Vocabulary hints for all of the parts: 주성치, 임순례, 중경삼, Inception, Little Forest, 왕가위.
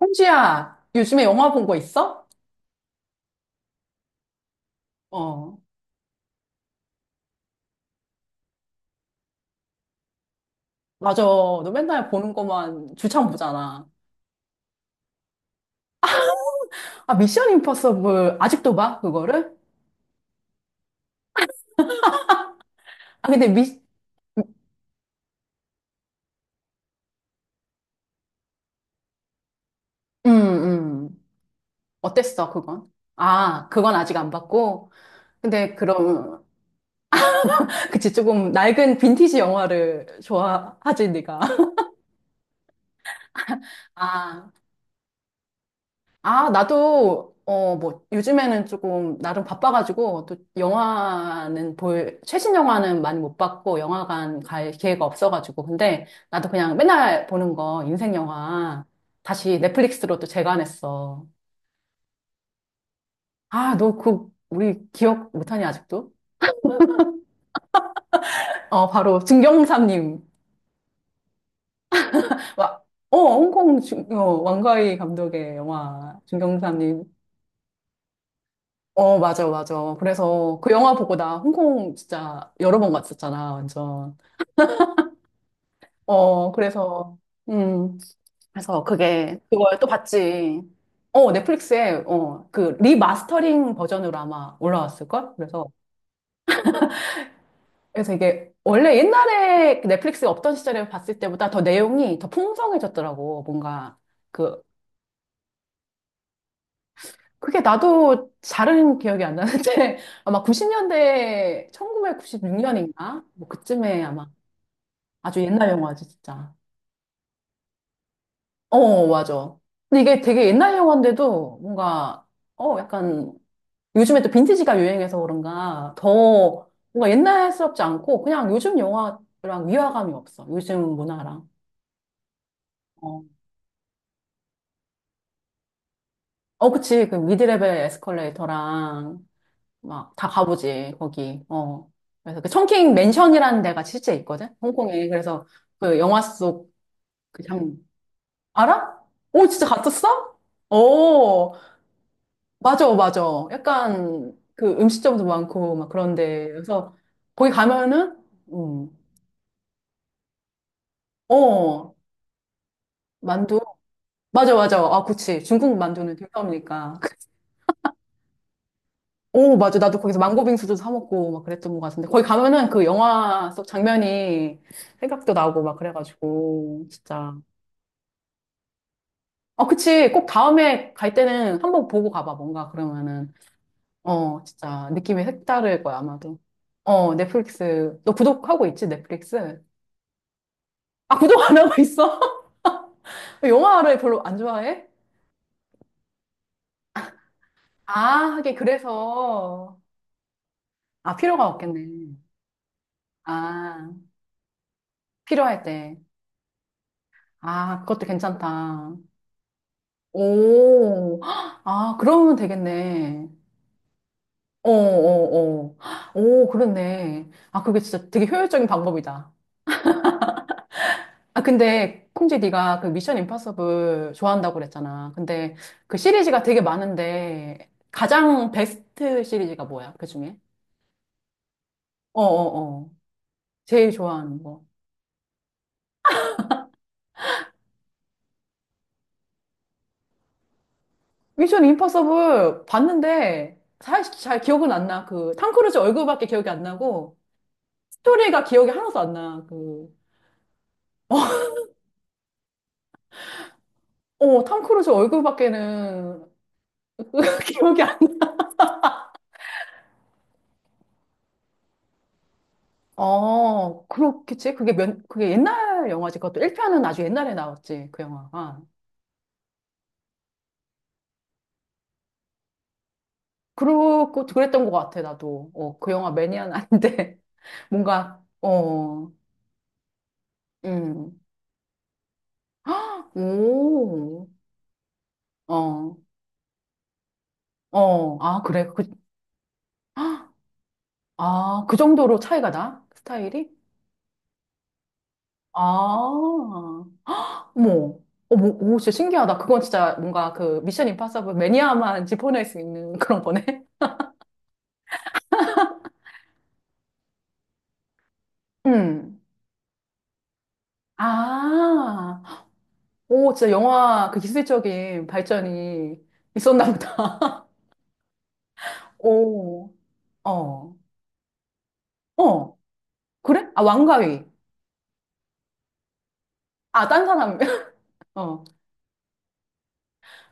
홍지야 요즘에 영화 본 거 있어? 어, 맞아. 너 맨날 보는 거만 주창 보잖아. 아, 미션 임파서블 아직도 봐? 그거를? 아, 근데 음, 음. 어땠어, 그건? 아, 그건 아직 안 봤고. 근데 그럼, 그치, 조금 낡은 빈티지 영화를 좋아하지, 네가. 아, 아, 나도, 어, 뭐, 요즘에는 조금, 나름 바빠가지고, 또, 영화는 볼, 최신 영화는 많이 못 봤고, 영화관 갈 기회가 없어가지고, 근데, 나도 그냥 맨날 보는 거, 인생 영화, 다시 넷플릭스로 또 재관했어. 아, 너 그, 우리 기억 못하니, 아직도? 어, 바로, 증경삼님. 와, 어, 홍콩 중, 어, 왕가위 감독의 영화, 증경삼님. 어, 맞아, 맞아. 그래서 그 영화 보고 나 홍콩 진짜 여러 번 갔었잖아, 완전. 어, 그래서, 음, 그래서 그게 그걸 또 봤지. 어, 넷플릭스에, 어, 그, 리마스터링 버전으로 아마 올라왔을걸? 그래서, 그래서 이게, 원래 옛날에 넷플릭스가 없던 시절에 봤을 때보다 더 내용이 더 풍성해졌더라고. 뭔가, 그, 그게 나도 잘은 기억이 안 나는데, 아마 90년대, 1996년인가? 뭐, 그쯤에 아마 아주 옛날 영화지, 진짜. 어, 맞아. 근데 이게 되게 옛날 영화인데도 뭔가, 어, 약간, 요즘에 또 빈티지가 유행해서 그런가, 더 뭔가 옛날스럽지 않고, 그냥 요즘 영화랑 위화감이 없어. 요즘 문화랑. 어, 어, 그치. 그 미드레벨 에스컬레이터랑, 막, 다 가보지, 거기. 어. 그래서 그 청킹 맨션이라는 데가 실제 있거든? 홍콩에. 그래서 그 영화 장, 알아? 오, 진짜 갔었어? 오. 맞아, 맞아. 약간 그 음식점도 많고 막 그런데 그래서 거기 가면은 음. 어 만두 맞아, 맞아. 아, 그치. 중국 만두는 들떠오니까. 오, 맞아. 나도 거기서 망고 빙수도 사 먹고 막 그랬던 것 같은데 거기 가면은 그 영화 속 장면이 생각도 나고 막 그래가지고 진짜. 어 그치. 꼭 다음에 갈 때는 한번 보고 가봐. 뭔가 그러면은 어 진짜 느낌이 색다를 거야 아마도. 어 넷플릭스 너 구독하고 있지 넷플릭스? 아, 구독 안 하고 있어? 왜 영화를 별로 안 좋아해? 아, 하긴 그래서. 아, 필요가 없겠네. 아, 필요할 때. 아, 그것도 괜찮다. 오, 아, 그러면 되겠네. 어, 어, 어. 오, 그렇네. 아, 그게 진짜 되게 효율적인 방법이다. 아, 근데, 콩지 네가 그 미션 임파서블 좋아한다고 그랬잖아. 근데 그 시리즈가 되게 많은데, 가장 베스트 시리즈가 뭐야? 그 중에? 어 어, 어, 제일 좋아하는 거. 미션 임파서블 봤는데 사실 잘 기억은 안 나. 그 탐 크루즈 얼굴밖에 기억이 안 나고 스토리가 기억이 하나도 안 나. 그 어, 탐 크루즈 얼굴밖에는 기억이 안 나. 어, 그렇겠지. 그게 몇 그게 옛날 영화지. 그것도 1편은 아주 옛날에 나왔지. 그 영화가. 그렇고 그랬던 것 같아. 나도. 어, 그 영화 매니아는 아닌데 뭔가 어, 음. 오. 어. 어. 아, 그래. 그 아, 그 정도로 차이가 나? 그 스타일이? 아, 어머. 어머, 오, 진짜 신기하다. 그건 진짜 뭔가 그 미션 임파서블 매니아만 짚어낼 수 있는 그런 거네. 음. 아, 오, 진짜 영화 그 기술적인 발전이 있었나 보다. 오, 어, 어, 그래? 아, 왕가위. 아, 딴 사람. 어.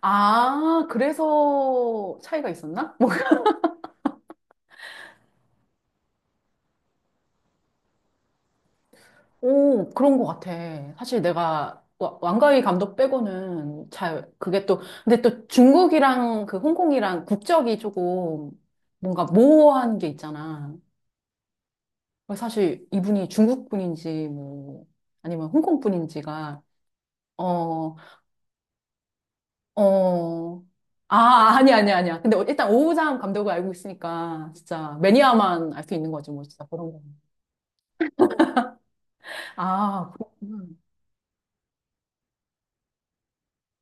아, 그래서 차이가 있었나? 오, 그런 것 같아. 사실 내가 왕가위 감독 빼고는 잘, 그게 또, 근데 또 중국이랑 그 홍콩이랑 국적이 조금 뭔가 모호한 게 있잖아. 그래서 사실 이분이 중국 분인지 뭐, 아니면 홍콩 분인지가, 어, 어, 아, 아니, 아니, 아니야. 근데 일단 오우장 감독을 알고 있으니까 진짜 매니아만 알 수 있는 거지, 뭐, 진짜 그런 거. 아, 그렇구나.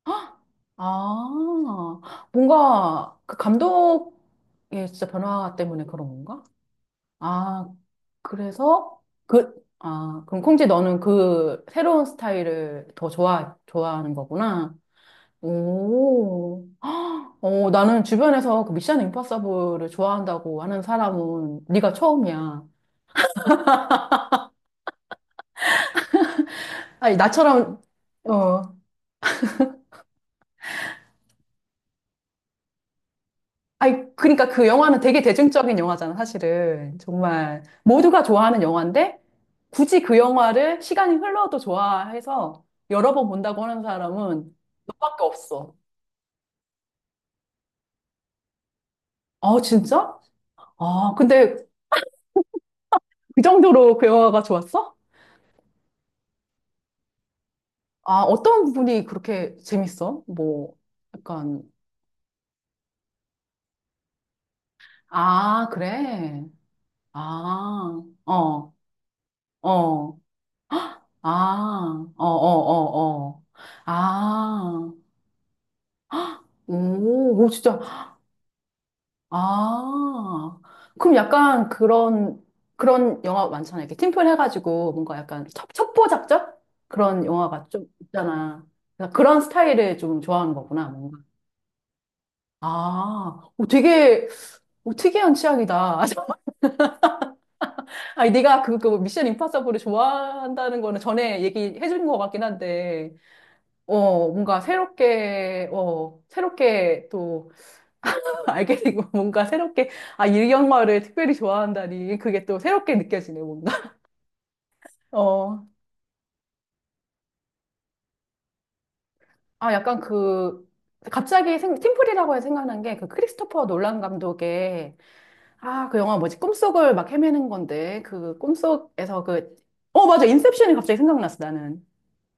헉! 아, 뭔가 그 감독의 진짜 변화 때문에 그런 건가? 아, 그래서 그, 아, 그럼 콩지 너는 그 새로운 스타일을 더 좋아하는 거구나. 오, 어, 나는 주변에서 그 미션 임파서블을 좋아한다고 하는 사람은 네가 처음이야. 아니, 나처럼, 어, 아니, 그러니까 그 영화는 되게 대중적인 영화잖아, 사실은. 정말 모두가 좋아하는 영화인데 굳이 그 영화를 시간이 흘러도 좋아해서 여러 번 본다고 하는 사람은 너밖에 없어. 아, 진짜? 아, 근데 그 정도로 그 영화가 좋았어? 아, 어떤 부분이 그렇게 재밌어? 뭐, 약간, 아, 그래. 아, 어, 어, 아, 어, 어, 어, 어. 아, 오, 오, 진짜. 아, 그럼 약간 그런, 그런 영화 많잖아. 이렇게 팀플 해가지고 뭔가 약간 첩보 작전? 그런 영화가 좀 있잖아. 그래서 그런 스타일을 좀 좋아하는 거구나, 뭔가. 아, 오, 되게, 오, 특이한 취향이다. 아니, 네가 그, 그 미션 임파서블을 좋아한다는 거는 전에 얘기해 준 것 같긴 한데, 어, 뭔가 새롭게, 어, 새롭게 또 알게 되고 뭔가 새롭게 아일영화를 특별히 좋아한다니 그게 또 새롭게 느껴지네 뭔가 어 아 약간 그 갑자기 팀플이라고 해서 생각난 게 그 크리스토퍼 놀란 감독의 아 그 영화 뭐지 꿈속을 막 헤매는 건데 그 꿈속에서 그 어 맞아 인셉션이 갑자기 생각났어 나는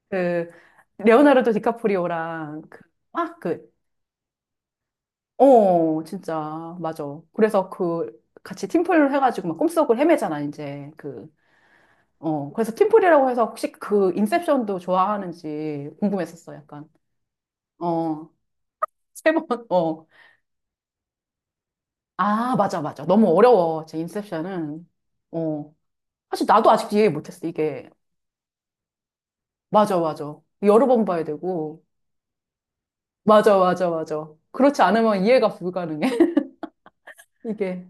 그 레오나르도 디카프리오랑 그막그어 진짜 맞아 그래서 그 같이 팀플 해가지고 막 꿈속을 헤매잖아 이제 그 어, 그래서 팀플이라고 해서 혹시 그 인셉션도 좋아하는지 궁금했었어, 약간. 어, 세 번, 어. 아, 맞아, 맞아. 너무 어려워, 제 인셉션은. 어. 사실 나도 아직 이해 못했어, 이게. 맞아, 맞아. 여러 번 봐야 되고. 맞아, 맞아, 맞아. 그렇지 않으면 이해가 불가능해, 이게.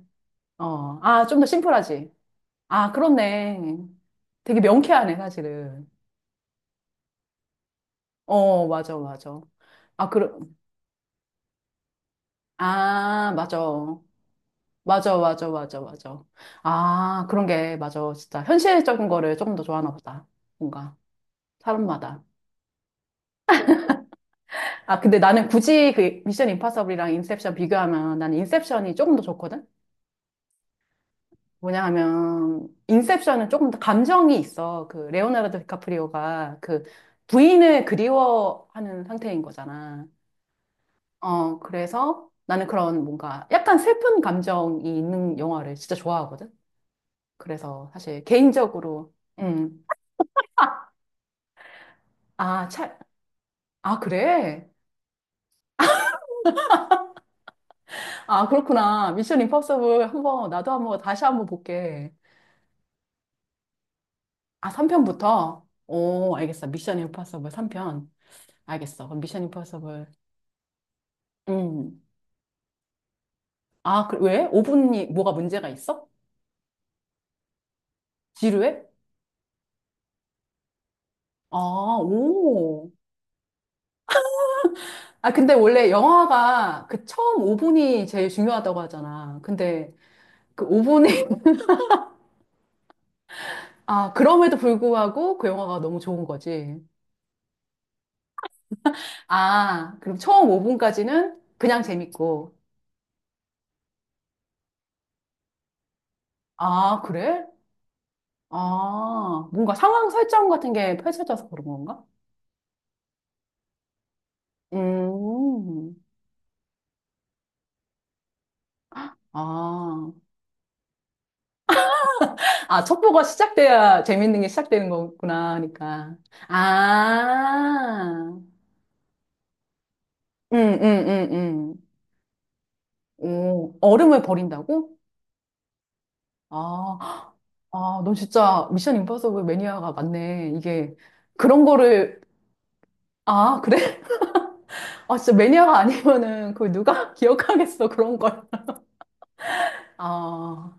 어, 아, 좀 더 심플하지. 아, 그렇네. 되게 명쾌하네, 사실은. 어, 맞아, 맞아. 아, 그럼, 아, 맞아. 맞아, 맞아, 맞아, 맞아. 아, 그런 게, 맞아. 진짜 현실적인 거를 조금 더 좋아하나 보다. 뭔가, 사람마다. 아, 근데 나는 굳이 그 미션 임파서블이랑 인셉션 비교하면 나는 인셉션이 조금 더 좋거든? 뭐냐 하면, 인셉션은 조금 더 감정이 있어. 그, 레오나르도 디카프리오가 그 부인을 그리워하는 상태인 거잖아. 어, 그래서 나는 그런 뭔가 약간 슬픈 감정이 있는 영화를 진짜 좋아하거든? 그래서 사실 개인적으로, 음. 아, 차, 아, 그래? 아, 그렇구나. 미션 임파서블 한번, 나도 한번, 다시 한번 볼게. 아, 3편부터? 오, 알겠어. 미션 임파서블 3편. 알겠어. 그럼 미션 임파서블. 음. 아, 그, 왜? 5분이 뭐가 문제가 있어? 지루해? 아, 오. 아, 근데 원래 영화가 그 처음 5분이 제일 중요하다고 하잖아. 근데 그 5분이, 아, 그럼에도 불구하고 그 영화가 너무 좋은 거지. 아, 그럼 처음 5분까지는 그냥 재밌고. 아, 그래? 아, 뭔가 상황 설정 같은 게 펼쳐져서 그런 건가? 음, 아. 아, 첩보가 시작돼야 재밌는 게 시작되는 거구나, 하니까. 아, 음, 음, 음, 음. 오, 얼음을 버린다고? 아, 아, 넌 진짜 미션 임파서블 매니아가 맞네. 이게, 그런 거를, 아, 그래? 아, 진짜 매니아가 아니면은 그걸 누가 기억하겠어, 그런 걸. 아.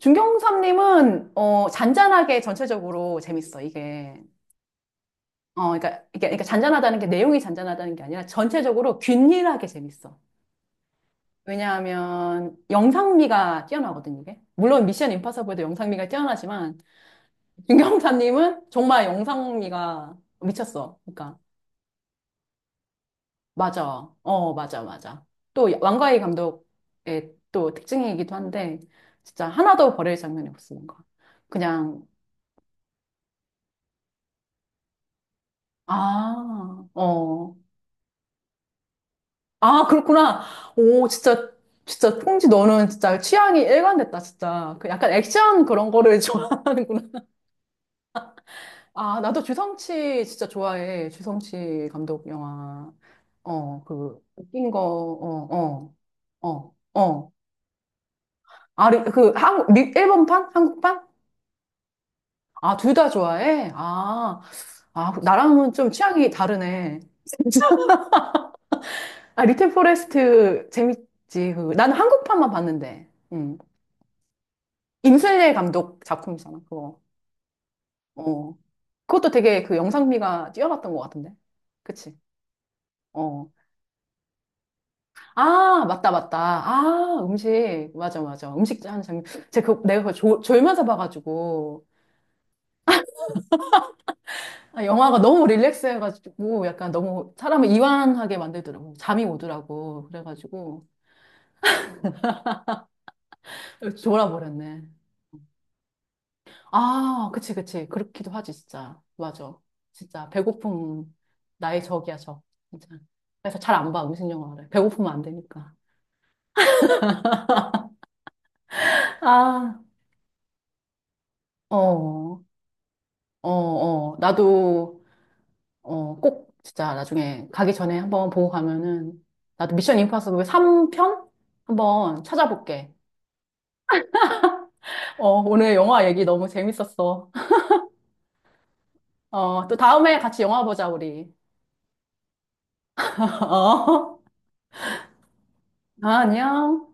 중경삼님은 어, 잔잔하게 전체적으로 재밌어 이게. 어, 그러니까 이게 잔잔하다는 게 내용이 잔잔하다는 게 아니라 전체적으로 균일하게 재밌어. 왜냐하면 영상미가 뛰어나거든 이게. 물론 미션 임파서블도 영상미가 뛰어나지만 중경섭님은 정말 영상미가 미쳤어. 그러니까 맞아, 어 맞아. 또 왕가희 감독의 또 특징이기도 한데 진짜 하나도 버릴 장면이 없으니까 그냥 아, 어. 아, 그렇구나. 오, 진짜, 진짜, 콩지 너는 진짜 취향이 일관됐다, 진짜. 그 약간 액션 그런 거를 좋아하는구나. 아, 나도 주성치 진짜 좋아해. 주성치 감독 영화. 어, 그, 웃긴 거, 어, 어, 어, 어. 아, 그, 한국, 미, 일본판? 한국판? 아, 둘 다 좋아해? 아, 아, 그 나랑은 좀 취향이 다르네. 아, 리틀 포레스트 재밌지. 그, 나는 한국판만 봤는데. 음. 임순례 감독 작품이잖아, 그거. 어. 그것도 되게 그 영상미가 뛰어났던 것 같은데. 그치? 어. 아, 맞다, 맞다. 아, 음식. 맞아, 맞아. 음식 하는 장면. 내가 그 졸면서 봐가지고. 아, 영화가 너무 릴렉스 해가지고 약간 너무 사람을 이완하게 만들더라고. 잠이 오더라고. 그래가지고. 졸아버렸네. 아, 그치, 그치. 그렇기도 하지, 진짜. 맞아. 진짜. 배고픔. 나의 적이야, 적. 진짜. 그래서 잘 안 봐, 음식 영화를. 배고프면 안 되니까. 아, 어. 어, 어, 나도, 어, 꼭 진짜 나중에 가기 전에 한번 보고 가면은, 나도 미션 임파서블 3편? 한번 찾아볼게. 어, 오늘 영화 얘기 너무 재밌었어. 어, 또 다음에 같이 영화 보자, 우리. 어, 아, 안녕.